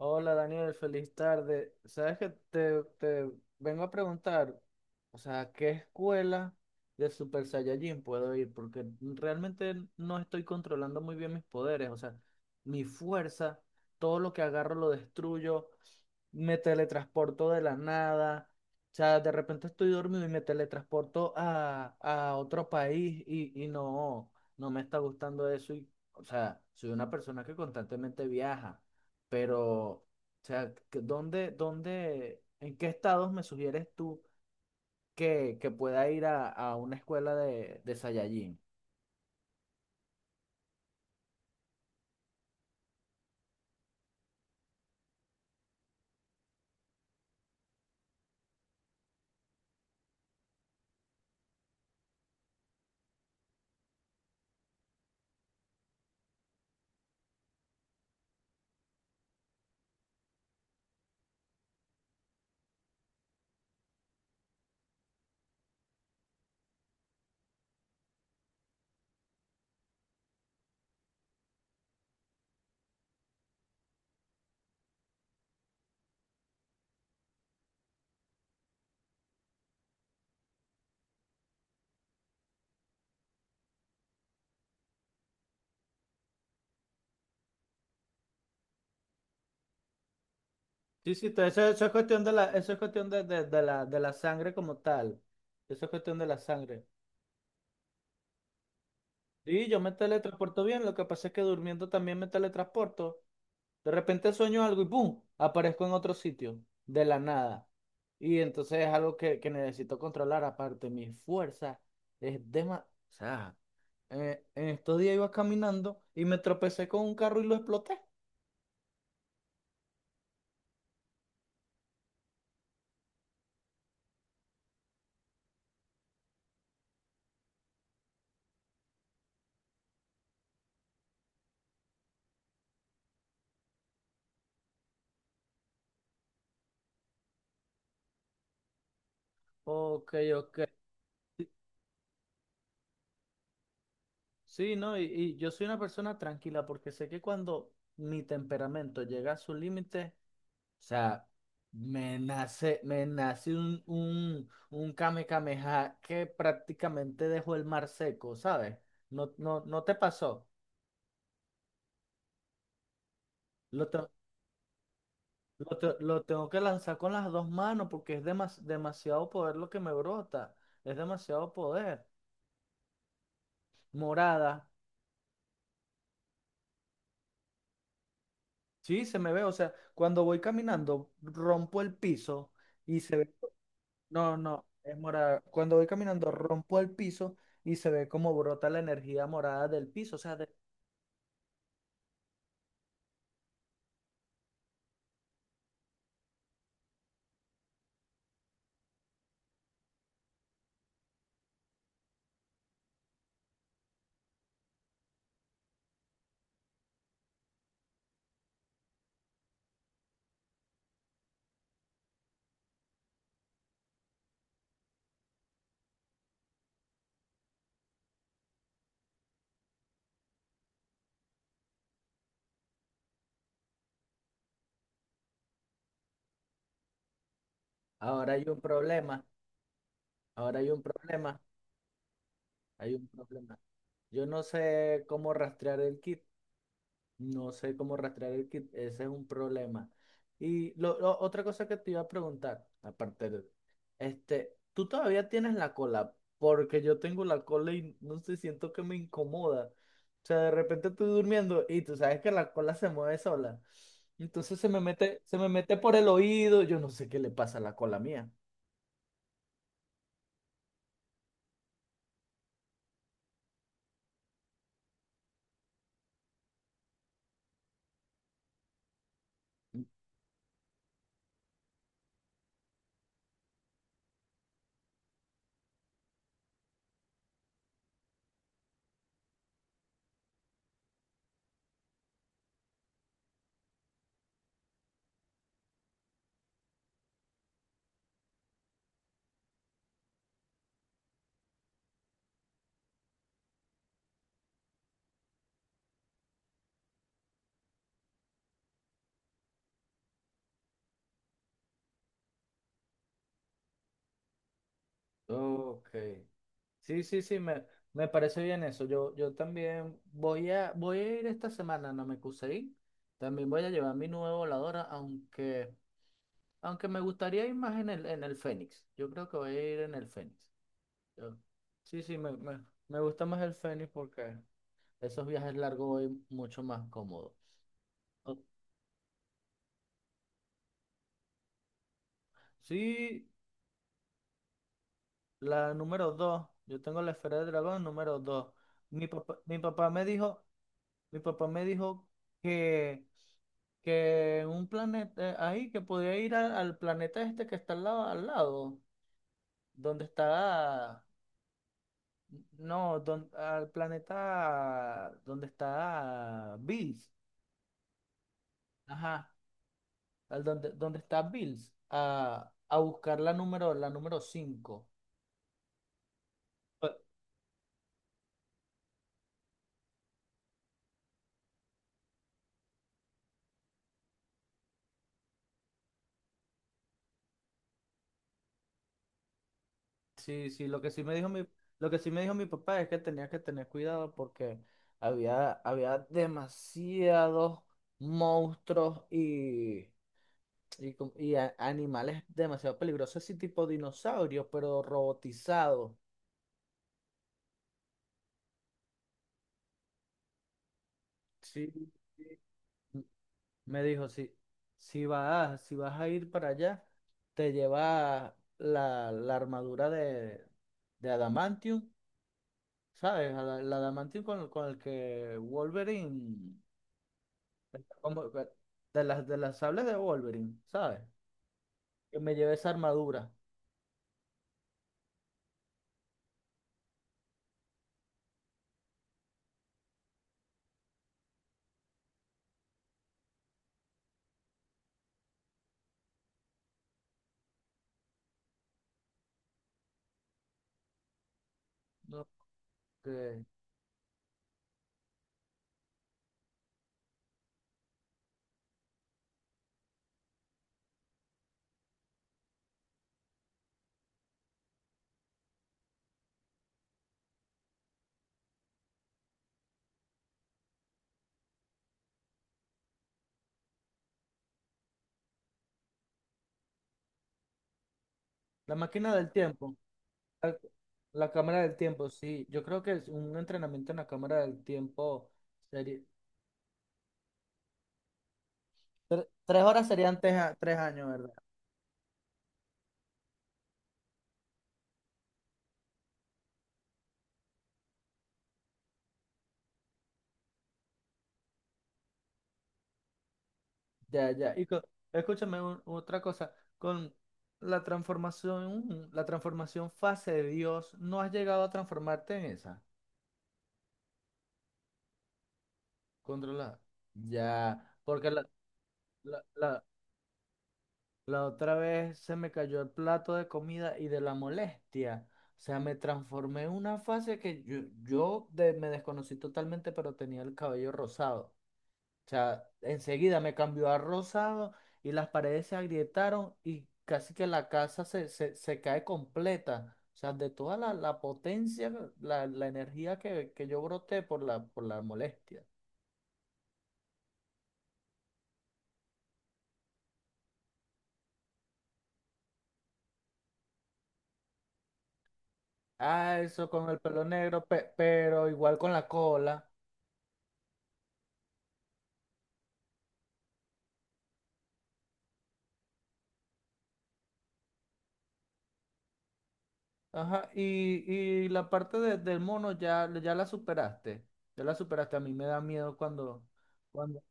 Hola Daniel, feliz tarde. Sabes que te vengo a preguntar, o sea, qué escuela de Super Saiyajin puedo ir? Porque realmente no estoy controlando muy bien mis poderes, o sea, mi fuerza, todo lo que agarro lo destruyo, me teletransporto de la nada, o sea, de repente estoy dormido y me teletransporto a otro país y no, me está gustando eso y, o sea, soy una persona que constantemente viaja. Pero, o sea, en qué estados me sugieres tú que pueda ir a una escuela de Saiyajin? Sí, sí, eso, eso es cuestión de la, eso es cuestión de la sangre como tal. Eso es cuestión de la sangre. Sí, yo me teletransporto bien, lo que pasa es que durmiendo también me teletransporto. De repente sueño algo y ¡pum!, aparezco en otro sitio, de la nada. Y entonces es algo que necesito controlar. Aparte, mi fuerza es demasiado. En estos días iba caminando y me tropecé con un carro y lo exploté. Ok, ok. Sí, sí, no, y yo soy una persona tranquila porque sé que cuando mi temperamento llega a su límite, o sea, me nace un kame kameha que prácticamente dejó el mar seco, ¿sabes? No, no, no te pasó. Lo, te- lo tengo que lanzar con las dos manos porque es demasiado poder lo que me brota. Es demasiado poder. Morada. Sí, se me ve, o sea, cuando voy caminando, rompo el piso y se ve, no, no, es morada. Cuando voy caminando, rompo el piso y se ve como brota la energía morada del piso, o sea, ahora hay un problema, ahora hay un problema, hay un problema. Yo no sé cómo rastrear el kit, no sé cómo rastrear el kit, ese es un problema. Y otra cosa que te iba a preguntar, aparte, este, tú todavía tienes la cola, porque yo tengo la cola y no sé, siento que me incomoda. O sea, de repente estoy durmiendo y tú sabes que la cola se mueve sola. Entonces se me mete por el oído, yo no sé qué le pasa a la cola mía. Ok. Sí, sí, sí, me parece bien eso. Yo también voy voy a ir esta semana a Namekusei. También voy a llevar mi nueva voladora, aunque, aunque me gustaría ir más en el Fénix. Yo creo que voy a ir en el Fénix. Yo- sí, sí, me gusta más el Fénix porque esos viajes largos voy mucho más cómodo. O- Sí, la número dos. Yo tengo la esfera de dragón número 2. Mi papá me dijo, mi papá me dijo que, que en un planeta, ahí, que podía ir al planeta este que está al lado, donde está, no, al planeta donde está Bills. Ajá, al donde, donde está Bills, a buscar la la número 5. Sí, sí, lo que sí me dijo mi papá es que tenía que tener cuidado porque había demasiados monstruos y, animales demasiado peligrosos, así tipo dinosaurios, pero robotizados. Sí, sí. M- Me dijo, si, si vas a ir para allá, te llevas la armadura de Adamantium, ¿sabes? Adamantium con el que Wolverine. Como de las sables de Wolverine, ¿sabes? Que me llevé esa armadura, ¿no? Que- la máquina del tiempo, la, la cámara del tiempo, sí. Yo creo que es un entrenamiento en la cámara del tiempo, sería tres horas, serían tres, tres años, ¿verdad? Ya, ya. Escúchame otra cosa, con la transformación fase de Dios, ¿no has llegado a transformarte en esa? Controla. Ya, porque la, la- la otra vez se me cayó el plato de comida y de la molestia. O sea, me transformé en una fase que yo me desconocí totalmente, pero tenía el cabello rosado. O sea, enseguida me cambió a rosado y las paredes se agrietaron y casi que la casa se cae completa. O sea, de toda la potencia, la energía que yo broté por la molestia. Ah, eso con el pelo negro, pero igual con la cola. Ajá, y la parte del mono ya, ya la superaste. Ya la superaste. A mí me da miedo cuando, cuando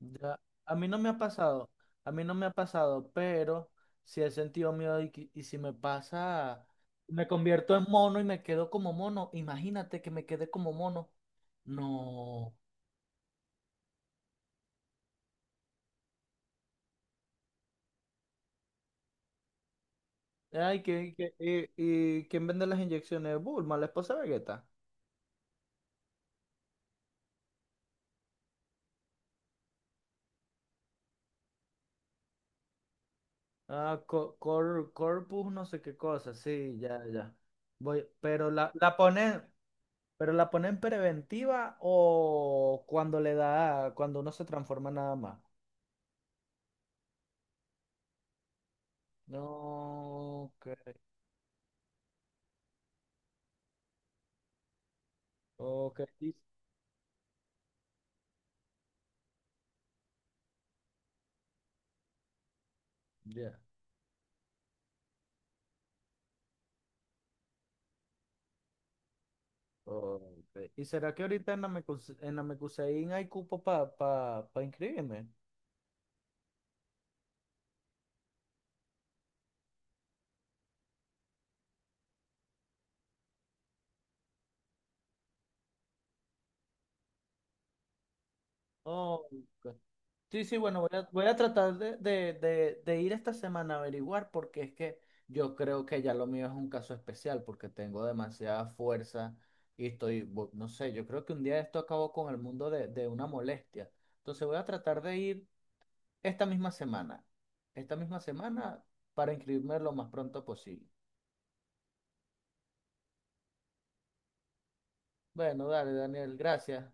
ya- a mí no me ha pasado. A mí no me ha pasado, pero sí he sentido miedo y, y si me pasa, me convierto en mono y me quedo como mono. Imagínate que me quede como mono. No. Ay, y ¿quién vende las inyecciones? Bulma, la esposa de Vegeta. Ah, corpus, no sé qué cosa, sí, ya, ya. Voy, pero la ponen, pero la ponen preventiva o cuando le da, cuando uno se transforma nada más. No, ok, ok, y- ya. Ok. ¿Y será que ahorita en la en la Mecuseín hay cupo para pa, pa pa inscribirme? Ok, sí, sí, bueno, voy a, voy a tratar de ir esta semana a averiguar porque es que yo creo que ya lo mío es un caso especial porque tengo demasiada fuerza y estoy, no sé, yo creo que un día esto acabó con el mundo de una molestia. Entonces voy a tratar de ir esta misma semana, esta misma semana, para inscribirme lo más pronto posible. Bueno, dale, Daniel, gracias.